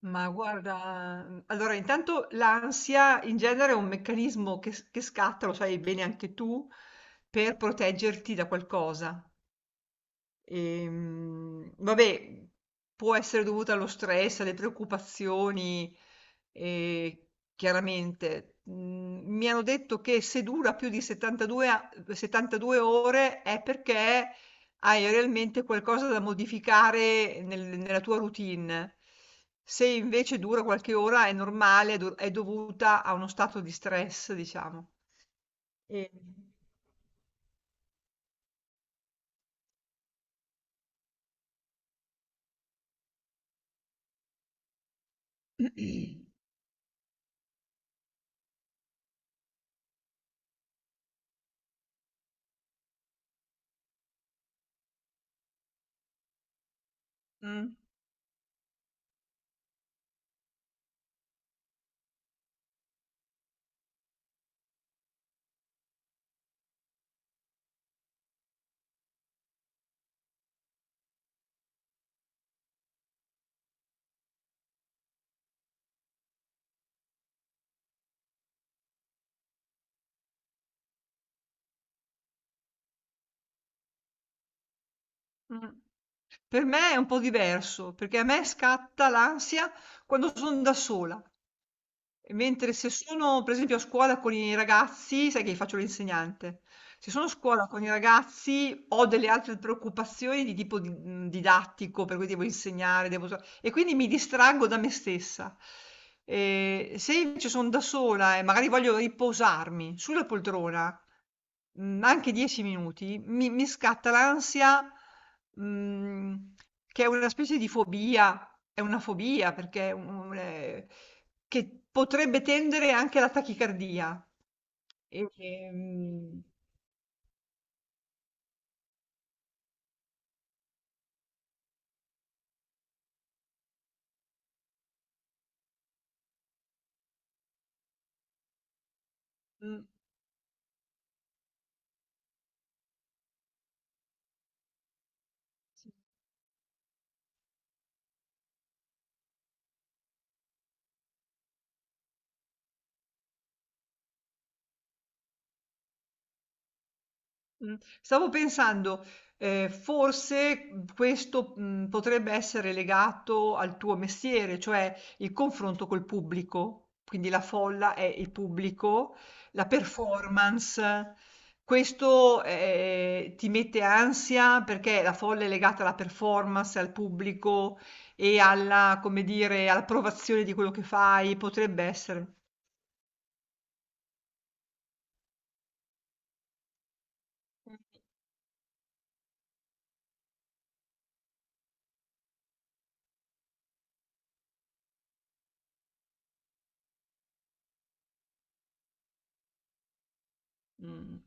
Ma guarda, allora intanto l'ansia in genere è un meccanismo che scatta, lo sai bene anche tu, per proteggerti da qualcosa. Vabbè, può essere dovuta allo stress, alle preoccupazioni, eh, chiaramente. Mi hanno detto che se dura più di 72 ore è perché hai realmente qualcosa da modificare nella tua routine. Se invece dura qualche ora è normale, è dovuta a uno stato di stress, diciamo. E- Mm, mm. Per me è un po' diverso, perché a me scatta l'ansia quando son da sola. Mentre se sono per esempio a scuola con i ragazzi, sai che faccio l'insegnante, se sono a scuola con i ragazzi ho delle altre preoccupazioni di tipo didattico, per cui devo insegnare, e quindi mi distraggo da me stessa. E se invece sono da sola e magari voglio riposarmi sulla poltrona, anche 10 minuti, mi scatta l'ansia, mh, che è una specie di fobia, è una fobia perché è un che potrebbe tendere anche alla tachicardia. E, Ehm mh. Mh. Stavo pensando, forse, questo, potrebbe essere legato al tuo mestiere, cioè il confronto col pubblico, quindi la folla è il pubblico, la performance. Questo, ti mette ansia perché la folla è legata alla performance, al pubblico e alla come dire, all'approvazione di quello che fai, potrebbe essere. Mh.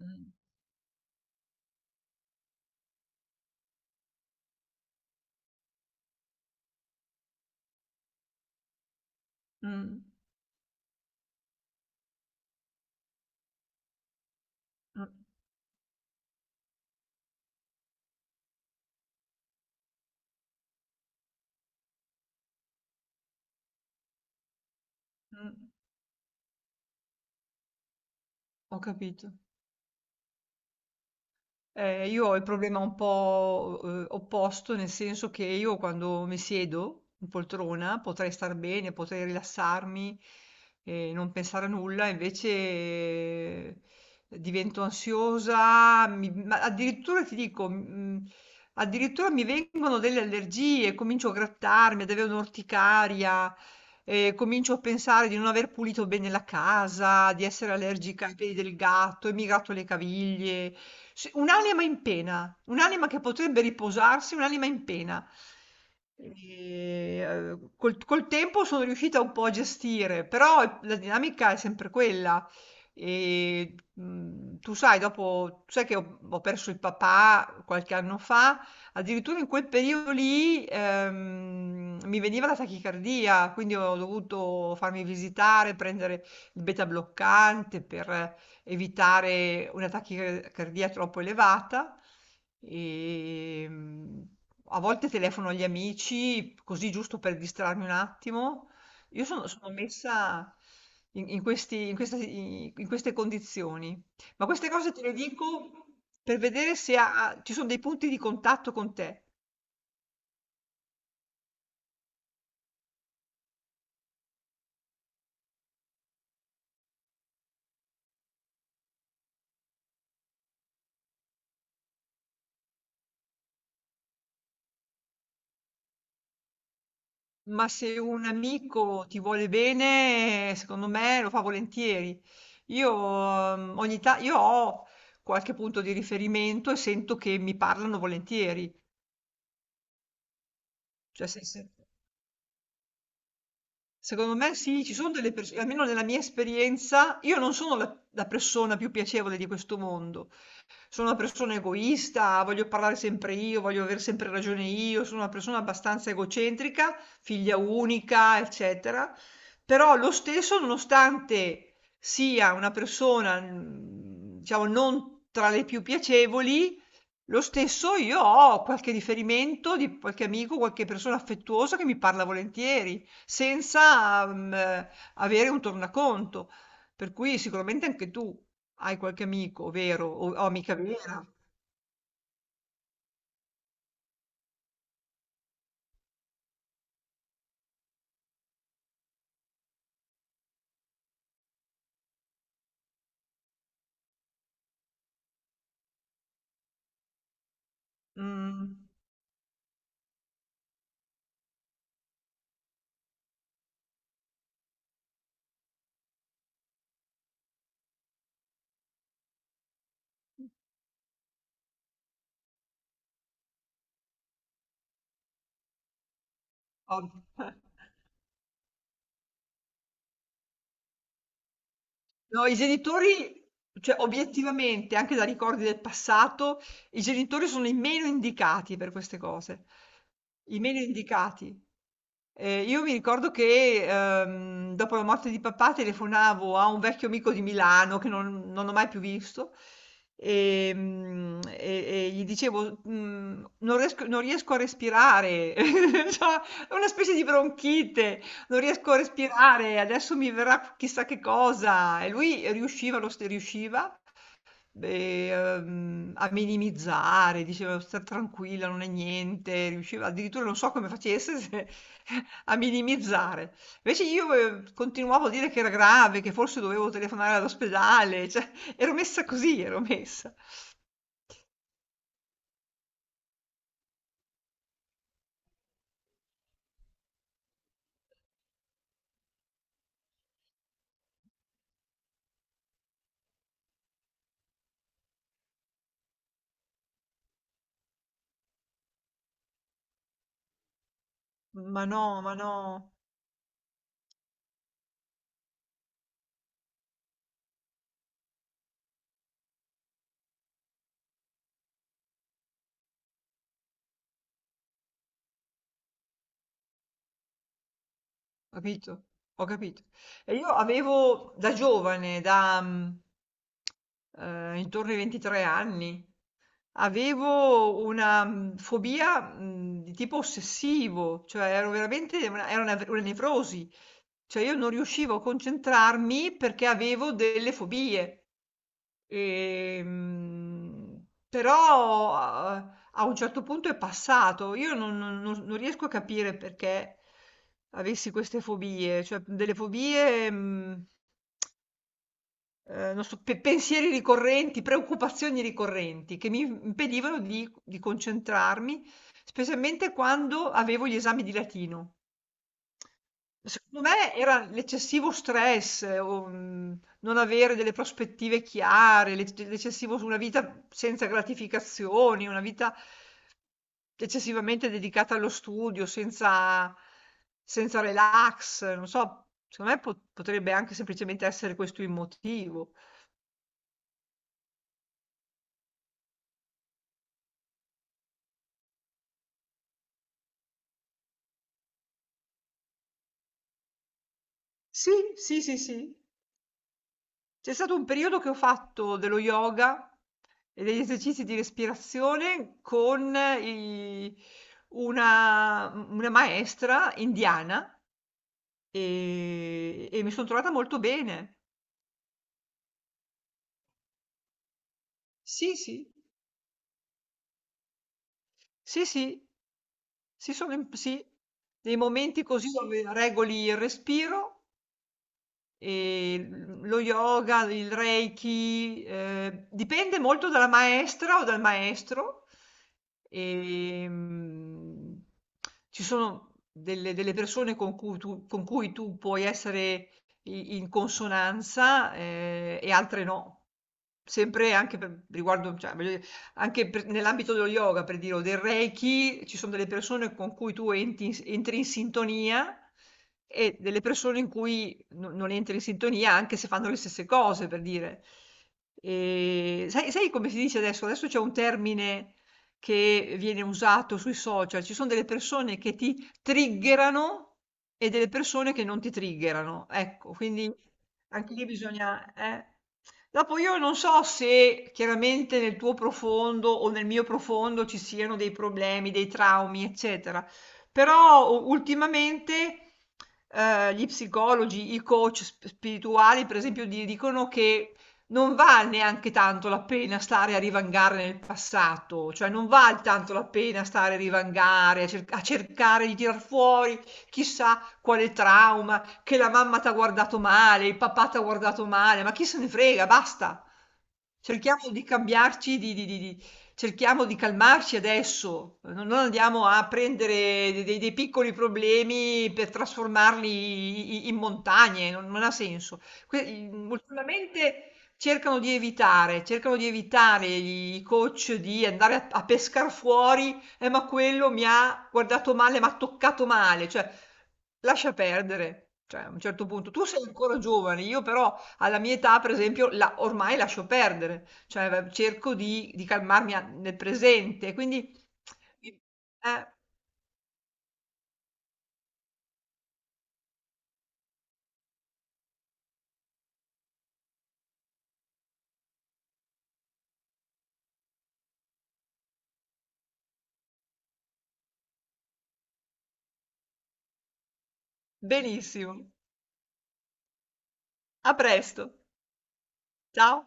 Mh. Mh. Mh. Mh. Mh. Ho capito. Io ho il problema un po', opposto, nel senso che io quando mi siedo in poltrona potrei star bene, potrei rilassarmi e non pensare a nulla, invece divento ansiosa, ma addirittura ti dico, addirittura mi vengono delle allergie, comincio a grattarmi, ad avere un'orticaria e comincio a pensare di non aver pulito bene la casa, di essere allergica ai peli del gatto, e mi gratto le caviglie. Sì, un'anima in pena, un'anima che potrebbe riposarsi, un'anima in pena. Col col tempo sono riuscita un po' a gestire, però la dinamica è sempre quella. E, Tu sai, dopo, tu sai che ho perso il papà qualche anno fa. Addirittura in quel periodo lì, mi veniva la tachicardia, quindi ho dovuto farmi visitare, prendere il beta bloccante per evitare una tachicardia troppo elevata. E, mm, A volte telefono agli amici, così giusto per distrarmi un attimo. Io sono messa in queste condizioni. Ma queste cose te le dico per vedere se ci sono dei punti di contatto con te, ma se un amico ti vuole bene, secondo me lo fa volentieri. Io, io ho qualche punto di riferimento e sento che mi parlano volentieri. Cioè, se- se- Secondo me sì, ci sono delle persone, almeno nella mia esperienza, io non sono la persona più piacevole di questo mondo. Sono una persona egoista, voglio parlare sempre io, voglio avere sempre ragione io, sono una persona abbastanza egocentrica, figlia unica, eccetera. Però lo stesso, nonostante sia una persona, diciamo, non tra le più piacevoli, lo stesso io ho qualche riferimento di qualche amico, qualche persona affettuosa che mi parla volentieri, senza avere un tornaconto. Per cui sicuramente anche tu hai qualche amico vero o amica vera. Mh, ov No, i genitori, cioè obiettivamente, anche da ricordi del passato, i genitori sono i meno indicati per queste cose. I meno indicati. Io mi ricordo che, dopo la morte di papà telefonavo a un vecchio amico di Milano che non ho mai più visto, ehm, e e gli dicevo, mhmm: Non riesco a respirare". C'ho una specie di bronchite. Non riesco a respirare, adesso mi verrà chissà che cosa. E lui riusciva, riusciva a minimizzare, diceva sta tranquilla, non è niente, riusciva addirittura non so come facesse a minimizzare. Invece io continuavo a dire che era grave, che forse dovevo telefonare all'ospedale, cioè ero messa così, ero messa. Ma no, ma no. Capito? Ho capito. E io avevo da giovane, intorno ai 23 anni, avevo una fobia di tipo ossessivo, cioè ero veramente una nevrosi, cioè io non riuscivo a concentrarmi perché avevo delle fobie. Però a un certo punto è passato. Io non riesco a capire perché avessi queste fobie, cioè delle fobie, non so, pensieri ricorrenti, preoccupazioni ricorrenti che mi impedivano di concentrarmi, specialmente quando avevo gli esami di latino. Secondo me era l'eccessivo stress non avere delle prospettive chiare, l'eccessivo su una vita senza gratificazioni, una vita eccessivamente dedicata allo studio, senza relax, non so, secondo me po potrebbe anche semplicemente essere questo il motivo. Sì, sì, sì, sì. C'è stato un periodo che ho fatto dello yoga e degli esercizi di respirazione con i una u una maestra indiana, e mi son trovata molto bene. Sì, sì. Sì, sì. Sì, sono im Sì. Dei momenti così dove regoli il respiro. E lo yoga, il reiki, dipende molto dalla maestra o dal maestro. E, mm, Ci sono delle persone con cui tu puoi essere in consonanza, e altre no. Sempre anche per, riguardo, cioè, voglio dire, nell'ambito dello yoga, per dire, o del Reiki, ci sono delle persone con cui tu entri in sintonia e delle persone in cui non entri in sintonia anche se fanno le stesse cose, per dire. E sai, sai come si dice adesso? Adesso c'è un termine che viene usato sui social. Ci sono delle persone che ti triggerano e delle persone che non ti triggerano. Ecco, quindi anche lì bisogna.... Dopo io non so se chiaramente nel tuo profondo o nel mio profondo ci siano dei problemi, dei traumi, eccetera. Però u ultimamente, gli psicologi, i coach sp spirituali per esempio di dicono che non val neanche tanto la pena stare a divangare nel passato, cioè non val tanto la pena stare a divangare, a cercare di tirar fuori chissà quale trauma, che la mamma t'ha guardato male, il papà t'ha guardato male, ma chi se ne frega, basta. Cerchiamo di cambiarci di cerchiamo di calmarci adesso, no, non andiamo a prendere de dei piccoli problemi per trasformarli i i in montagne, non ha senso. Que il Ultimamente cercano di evitare, cercano di evitare i coach di andare a pescar fuori: ma quello mi ha guardato male, m'ha toccato male", cioè lascia perdere, cioè a un certo punto. Tu sei ancora giovane, io però alla mia età, per esempio, la ormai lascio perdere, cioè v cerco di calmarmi a nel presente, quindi eh, benissimo. A presto. Ciao.